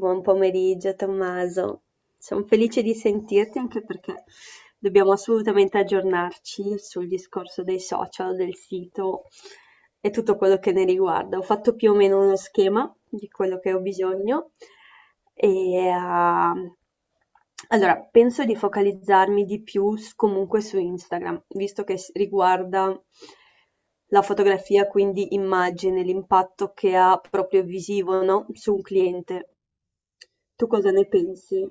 Buon pomeriggio Tommaso, sono felice di sentirti anche perché dobbiamo assolutamente aggiornarci sul discorso dei social, del sito e tutto quello che ne riguarda. Ho fatto più o meno uno schema di quello che ho bisogno e, allora, penso di focalizzarmi di più comunque su Instagram, visto che riguarda la fotografia, quindi immagine, l'impatto che ha proprio visivo, no? Su un cliente. Tu cosa ne pensi?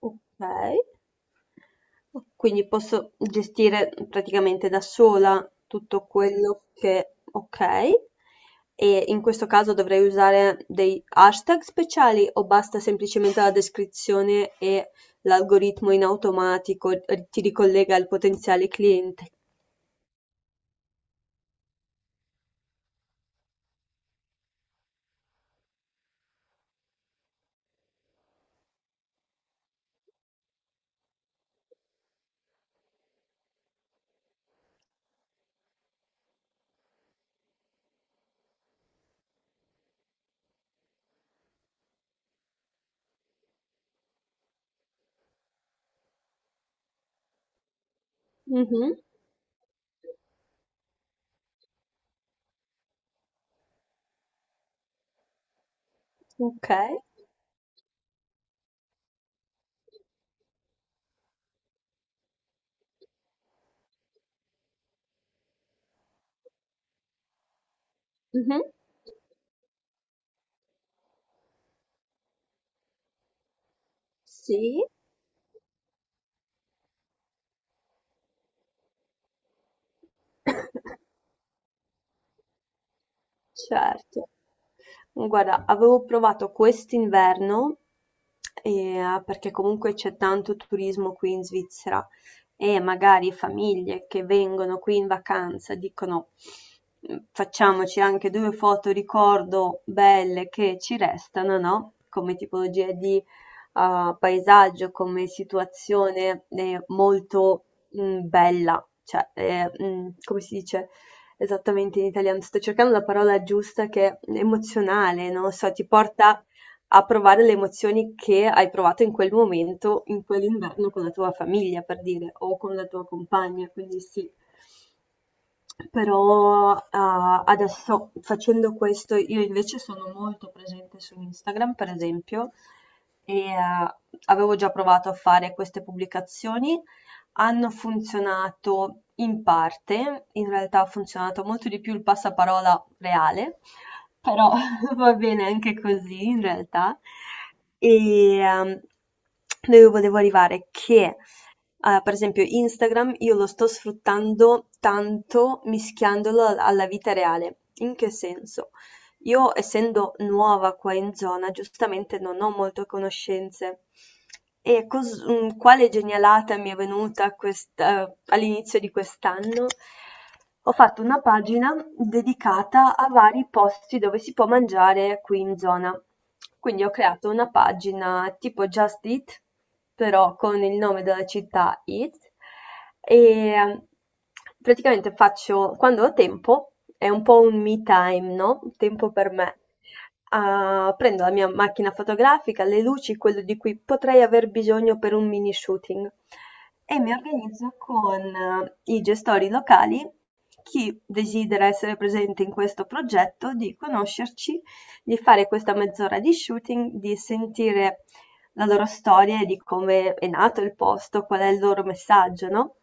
Ok. Quindi posso gestire praticamente da sola tutto quello che... Ok. E in questo caso dovrei usare dei hashtag speciali o basta semplicemente la descrizione e l'algoritmo in automatico ti ricollega al potenziale cliente? Mhm. Ok. Mhm. Sì. Certo. Guarda, avevo provato quest'inverno, perché comunque c'è tanto turismo qui in Svizzera e magari famiglie che vengono qui in vacanza dicono "Facciamoci anche due foto ricordo belle che ci restano, no? Come tipologia di paesaggio, come situazione molto bella, cioè come si dice? Esattamente in italiano, sto cercando la parola giusta che è emozionale, non lo so, ti porta a provare le emozioni che hai provato in quel momento, in quell'inverno con la tua famiglia, per dire, o con la tua compagna, quindi sì. Però, adesso facendo questo io invece sono molto presente su Instagram, per esempio, e, avevo già provato a fare queste pubblicazioni. Hanno funzionato in parte, in realtà ha funzionato molto di più il passaparola reale, però va bene anche così in realtà. E, dove volevo arrivare? Per esempio Instagram io lo sto sfruttando tanto mischiandolo alla vita reale. In che senso? Io, essendo nuova qua in zona, giustamente non ho molte conoscenze. E quale genialata mi è venuta all'inizio di quest'anno? Ho fatto una pagina dedicata a vari posti dove si può mangiare qui in zona. Quindi ho creato una pagina tipo Just Eat, però con il nome della città Eat, e mm, praticamente faccio, quando ho tempo, è un po' un me time, no? Un tempo per me. Prendo la mia macchina fotografica, le luci, quello di cui potrei aver bisogno per un mini shooting e mi organizzo con i gestori locali, chi desidera essere presente in questo progetto, di conoscerci, di fare questa mezz'ora di shooting, di sentire la loro storia e di come è nato il posto, qual è il loro messaggio, no?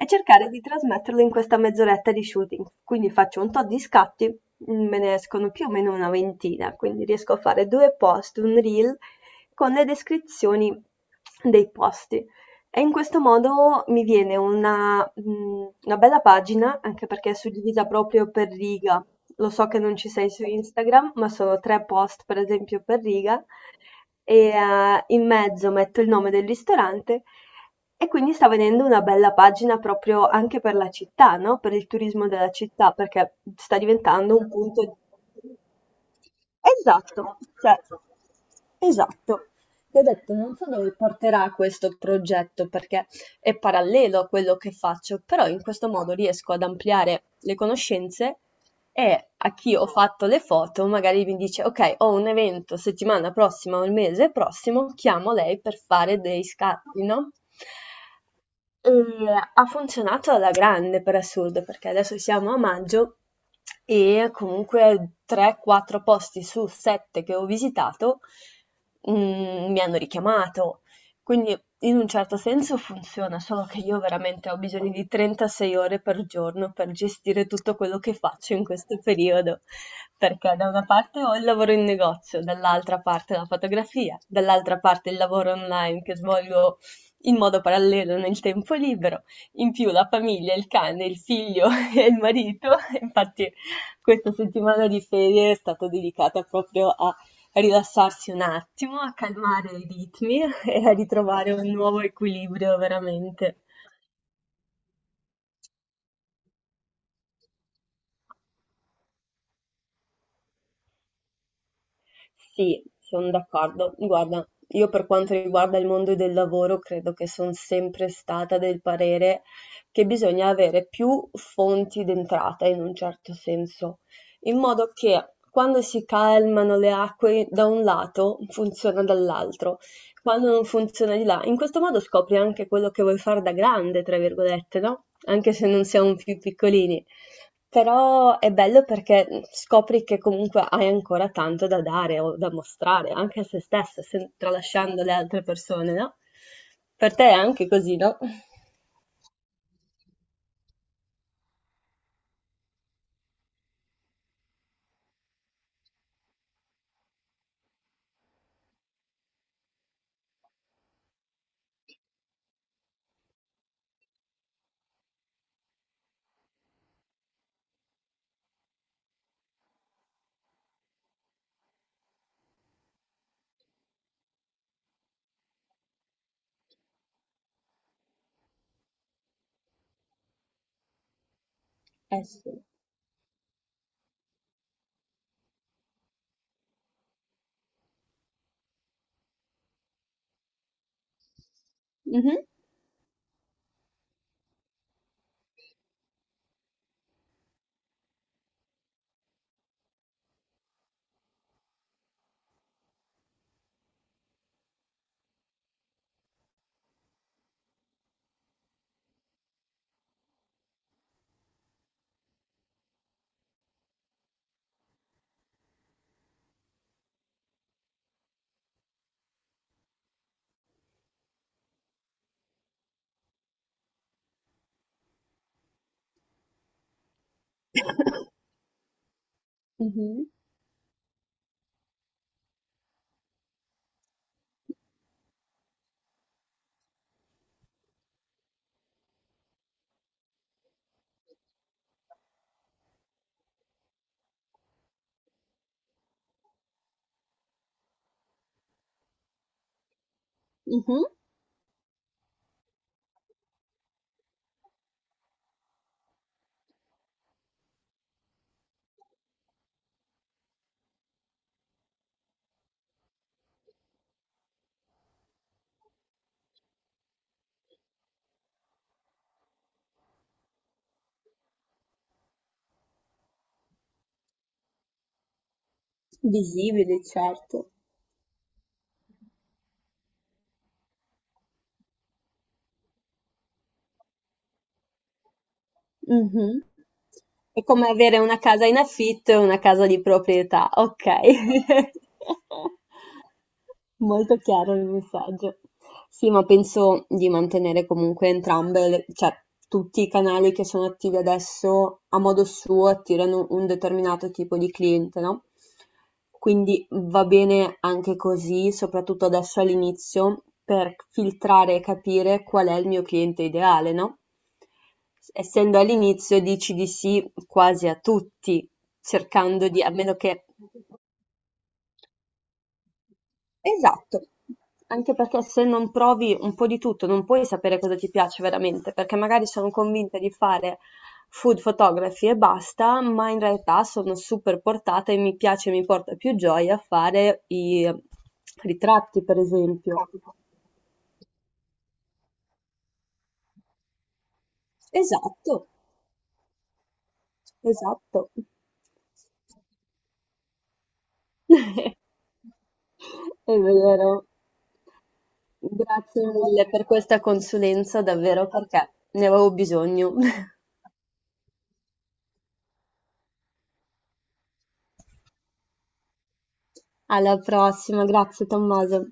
E cercare di trasmetterlo in questa mezz'oretta di shooting. Quindi faccio un tot di scatti, me ne escono più o meno una ventina, quindi riesco a fare due post, un reel con le descrizioni dei posti. E in questo modo mi viene una bella pagina, anche perché è suddivisa proprio per riga. Lo so che non ci sei su Instagram, ma sono tre post, per esempio, per riga e in mezzo metto il nome del ristorante e quindi sta venendo una bella pagina proprio anche per la città, no? Per il turismo della città, perché sta diventando un punto. Esatto, cioè, esatto. Ti ho detto, non so dove porterà questo progetto perché è parallelo a quello che faccio, però in questo modo riesco ad ampliare le conoscenze e a chi ho fatto le foto magari mi dice, ok, ho un evento settimana prossima o il mese prossimo, chiamo lei per fare dei scatti, no? Ehm, ha funzionato alla grande per assurdo, perché adesso siamo a maggio e comunque 3-4 posti su 7 che ho visitato, mi hanno richiamato. Quindi in un certo senso funziona, solo che io veramente ho bisogno di 36 ore per giorno per gestire tutto quello che faccio in questo periodo, perché da una parte ho il lavoro in negozio, dall'altra parte la fotografia, dall'altra parte il lavoro online che svolgo in modo parallelo nel tempo libero. In più la famiglia, il cane, il figlio e il marito. Infatti questa settimana di ferie è stata dedicata proprio a rilassarsi un attimo, a calmare i ritmi e a ritrovare un nuovo equilibrio veramente. Sì, sono d'accordo. Guarda, io per quanto riguarda il mondo del lavoro, credo che sono sempre stata del parere che bisogna avere più fonti d'entrata in un certo senso, in modo che quando si calmano le acque da un lato funziona dall'altro, quando non funziona di là. In questo modo scopri anche quello che vuoi fare da grande, tra virgolette, no? Anche se non siamo più piccolini. Però è bello perché scopri che comunque hai ancora tanto da dare o da mostrare, anche a se stesso, tralasciando le altre persone, no? Per te è anche così, no? Eh sì. Mhm. Mhm. Mhm. Visibili, certo. Mh-mh. È come avere una casa in affitto e una casa di proprietà, okay. Molto chiaro il messaggio. Sì, ma penso di mantenere comunque entrambe le cioè tutti i canali che sono attivi adesso, a modo suo, attirano un determinato tipo di cliente, no, quindi va bene anche così, soprattutto adesso all'inizio, per filtrare e capire qual è il mio cliente ideale, no? Essendo all'inizio dici di sì quasi a tutti, cercando di, a meno che... Esatto, anche perché se non provi un po' di tutto non puoi sapere cosa ti piace veramente, perché magari sono convinta di fare food photography e basta, ma in realtà sono super portata e mi piace, mi porta più gioia fare i ritratti, per esempio. Esatto, esatto. È vero. Grazie mille per questa consulenza, davvero, perché ne avevo bisogno. Alla prossima, grazie Tommaso.